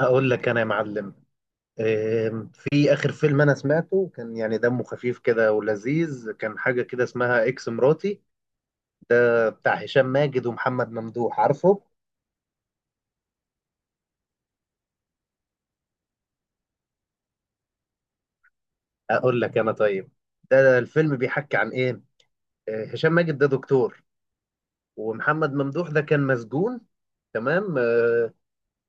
هقول لك انا يا معلم. في اخر فيلم انا سمعته كان يعني دمه خفيف كده ولذيذ، كان حاجه كده اسمها اكس مراتي. ده بتاع هشام ماجد ومحمد ممدوح، عارفه؟ اقول لك انا طيب، ده الفيلم بيحكي عن ايه؟ هشام ماجد ده دكتور، ومحمد ممدوح ده كان مسجون، تمام؟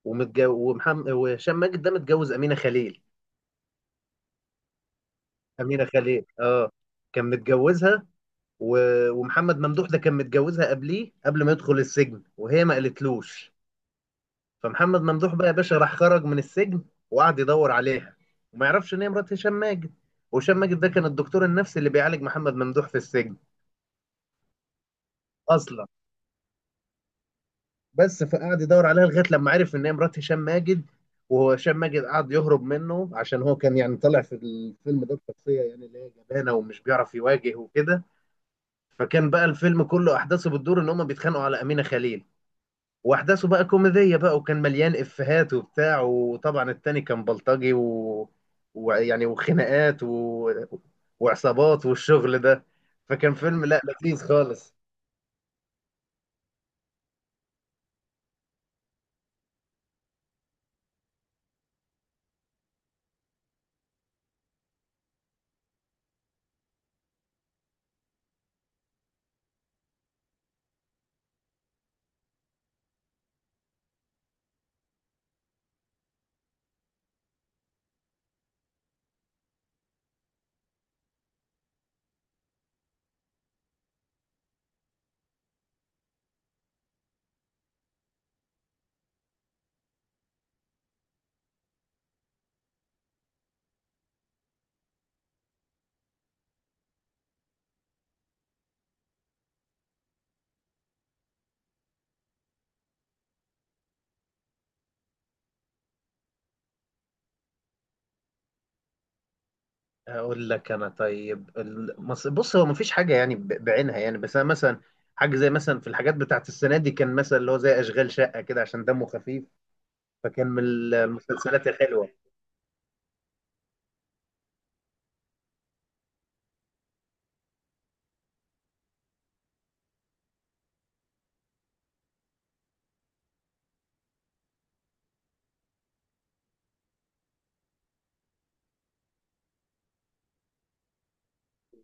ومحمد وهشام ماجد ده متجوز امينه خليل. امينه خليل، اه. كان متجوزها. ومحمد ممدوح ده كان متجوزها قبليه، قبل ما يدخل السجن وهي ما قالتلوش. فمحمد ممدوح بقى يا باشا راح خرج من السجن، وقعد يدور عليها، وما يعرفش ان هي مرات هشام ماجد. وهشام ماجد ده كان الدكتور النفسي اللي بيعالج محمد ممدوح في السجن. اصلا. بس، فقعد يدور عليها لغايه لما عرف ان هي مرات هشام ماجد. وهو هشام ماجد قعد يهرب منه، عشان هو كان يعني طالع في الفيلم ده بشخصيه يعني اللي هي جبانه ومش بيعرف يواجه وكده. فكان بقى الفيلم كله احداثه بتدور ان هم بيتخانقوا على امينه خليل. واحداثه بقى كوميديه بقى، وكان مليان افيهات وبتاع، وطبعا التاني كان بلطجي و... ويعني وخناقات و... وعصابات والشغل ده. فكان فيلم لا، لذيذ خالص. اقول لك انا طيب، بص، هو مفيش حاجه يعني بعينها يعني، بس انا مثلا حاجه زي مثلا في الحاجات بتاعت السنه دي كان مثلا اللي هو زي اشغال شقه كده، عشان دمه خفيف، فكان من المسلسلات الحلوه.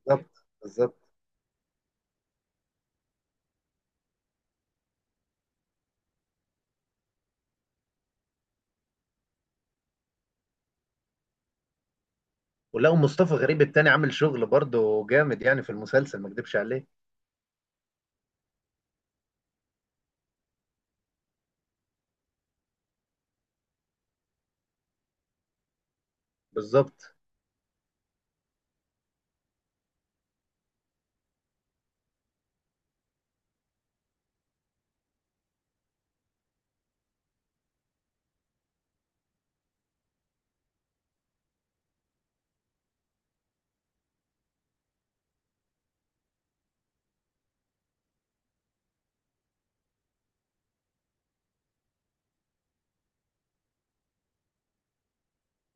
بالظبط بالظبط. ولقوا مصطفى غريب التاني عامل شغل برضه جامد يعني في المسلسل، ما اكدبش عليه. بالظبط.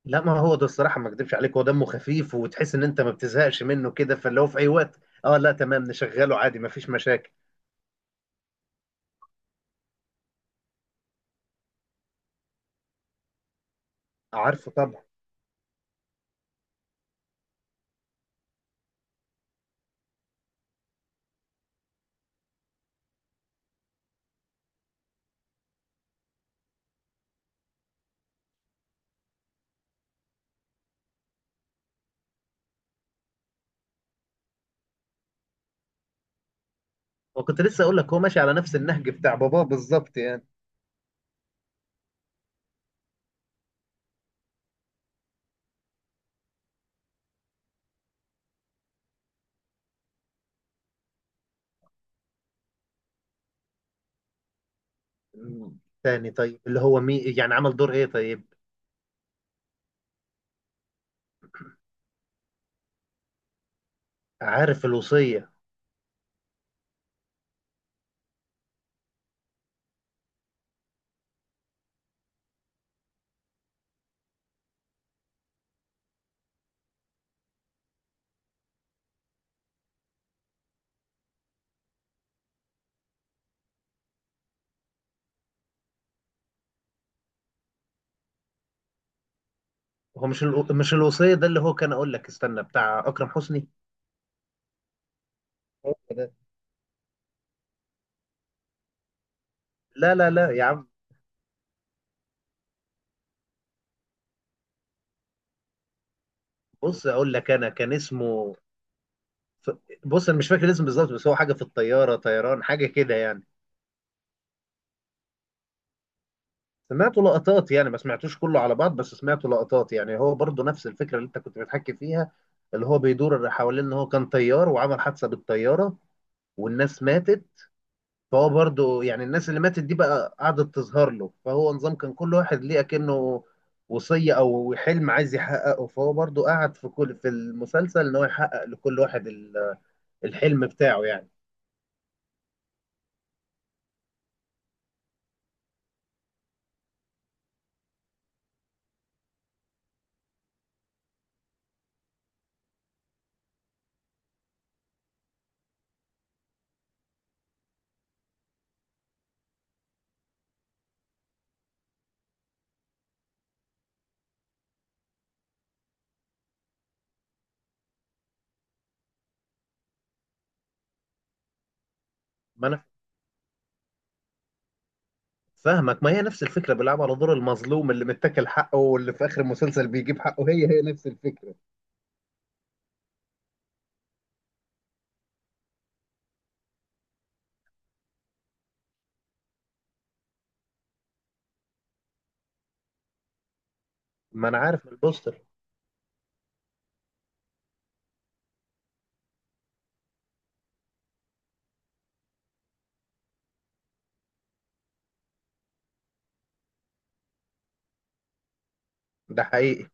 لا، ما هو ده الصراحه ما اكذبش عليك، هو دمه خفيف وتحس ان انت ما بتزهقش منه كده، فاللي هو في اي وقت، اه لا تمام، نشغله عادي ما فيش مشاكل. عارفه طبعا. وكنت لسه اقول لك هو ماشي على نفس النهج بتاع باباه بالظبط يعني. تاني طيب، اللي هو مي يعني عمل دور ايه طيب؟ عارف الوصيه. هو مش مش الوصيه ده اللي هو كان، اقول لك استنى، بتاع اكرم حسني؟ هو ده. لا يا عم، بص اقول لك انا كان اسمه ف- بص انا مش فاكر الاسم بالظبط، بس هو حاجه في الطياره، طيران حاجه كده يعني. سمعته لقطات يعني، ما سمعتوش كله على بعض، بس سمعته لقطات يعني. هو برضه نفس الفكرة اللي انت كنت بتحكي فيها، اللي هو بيدور حوالين ان هو كان طيار وعمل حادثة بالطيارة والناس ماتت، فهو برضه يعني الناس اللي ماتت دي بقى قعدت تظهر له، فهو نظام كان كل واحد ليه اكنه وصية او حلم عايز يحققه، فهو برضه قعد في كل في المسلسل ان هو يحقق لكل واحد الحلم بتاعه يعني. ما انا فاهمك، ما هي نفس الفكرة، بيلعبوا على دور المظلوم اللي متاكل حقه واللي في آخر المسلسل بيجيب حقه، هي هي نفس الفكرة. ما أنا عارف من البوستر. ده حقيقي.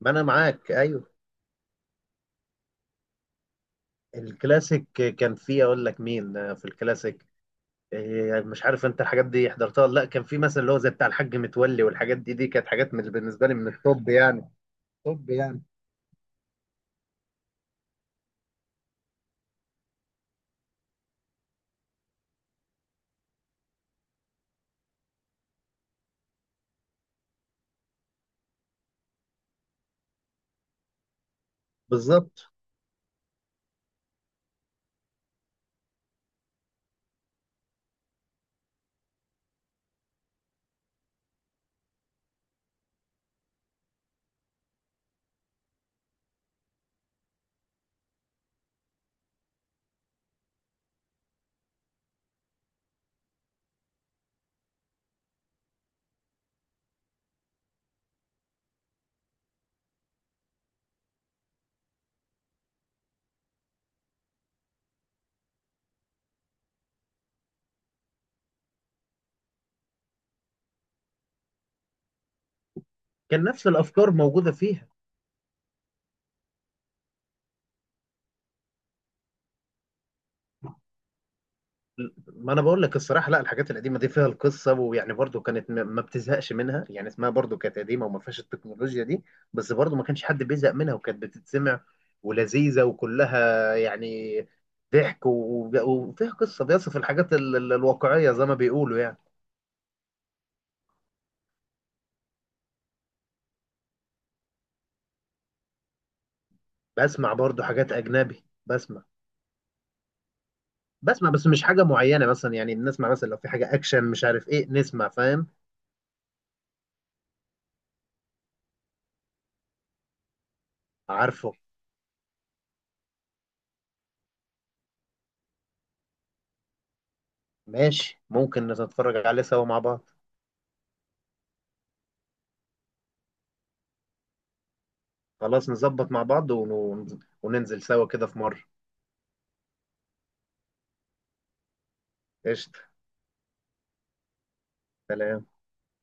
ما أنا معاك أيوه. الكلاسيك. كان فيه أقول لك مين في الكلاسيك، إيه، مش عارف أنت الحاجات دي حضرتها ولا لا، كان في مثلا اللي هو زي بتاع الحاج متولي والحاجات دي، دي كانت حاجات من بالنسبة لي من الطب يعني. طب يعني. بالظبط. كان نفس الأفكار موجودة فيها. ما انا بقول لك الصراحه، لا، الحاجات القديمه دي فيها القصه ويعني برضو كانت ما بتزهقش منها يعني، اسمها برضو كانت قديمه وما فيهاش التكنولوجيا دي، بس برضو ما كانش حد بيزهق منها وكانت بتتسمع ولذيذه، وكلها يعني ضحك وفيها قصه بيصف الحاجات الواقعيه زي ما بيقولوا يعني. بسمع برضو حاجات اجنبي، بسمع. بسمع، بس مش حاجه معينه مثلا يعني، بنسمع مثلا لو في حاجه اكشن مش عارف ايه نسمع، فاهم؟ عارفه. ماشي، ممكن نتفرج عليه سوا مع بعض. خلاص نظبط مع بعض وننزل سوا كده في مرة. قشطة. سلام.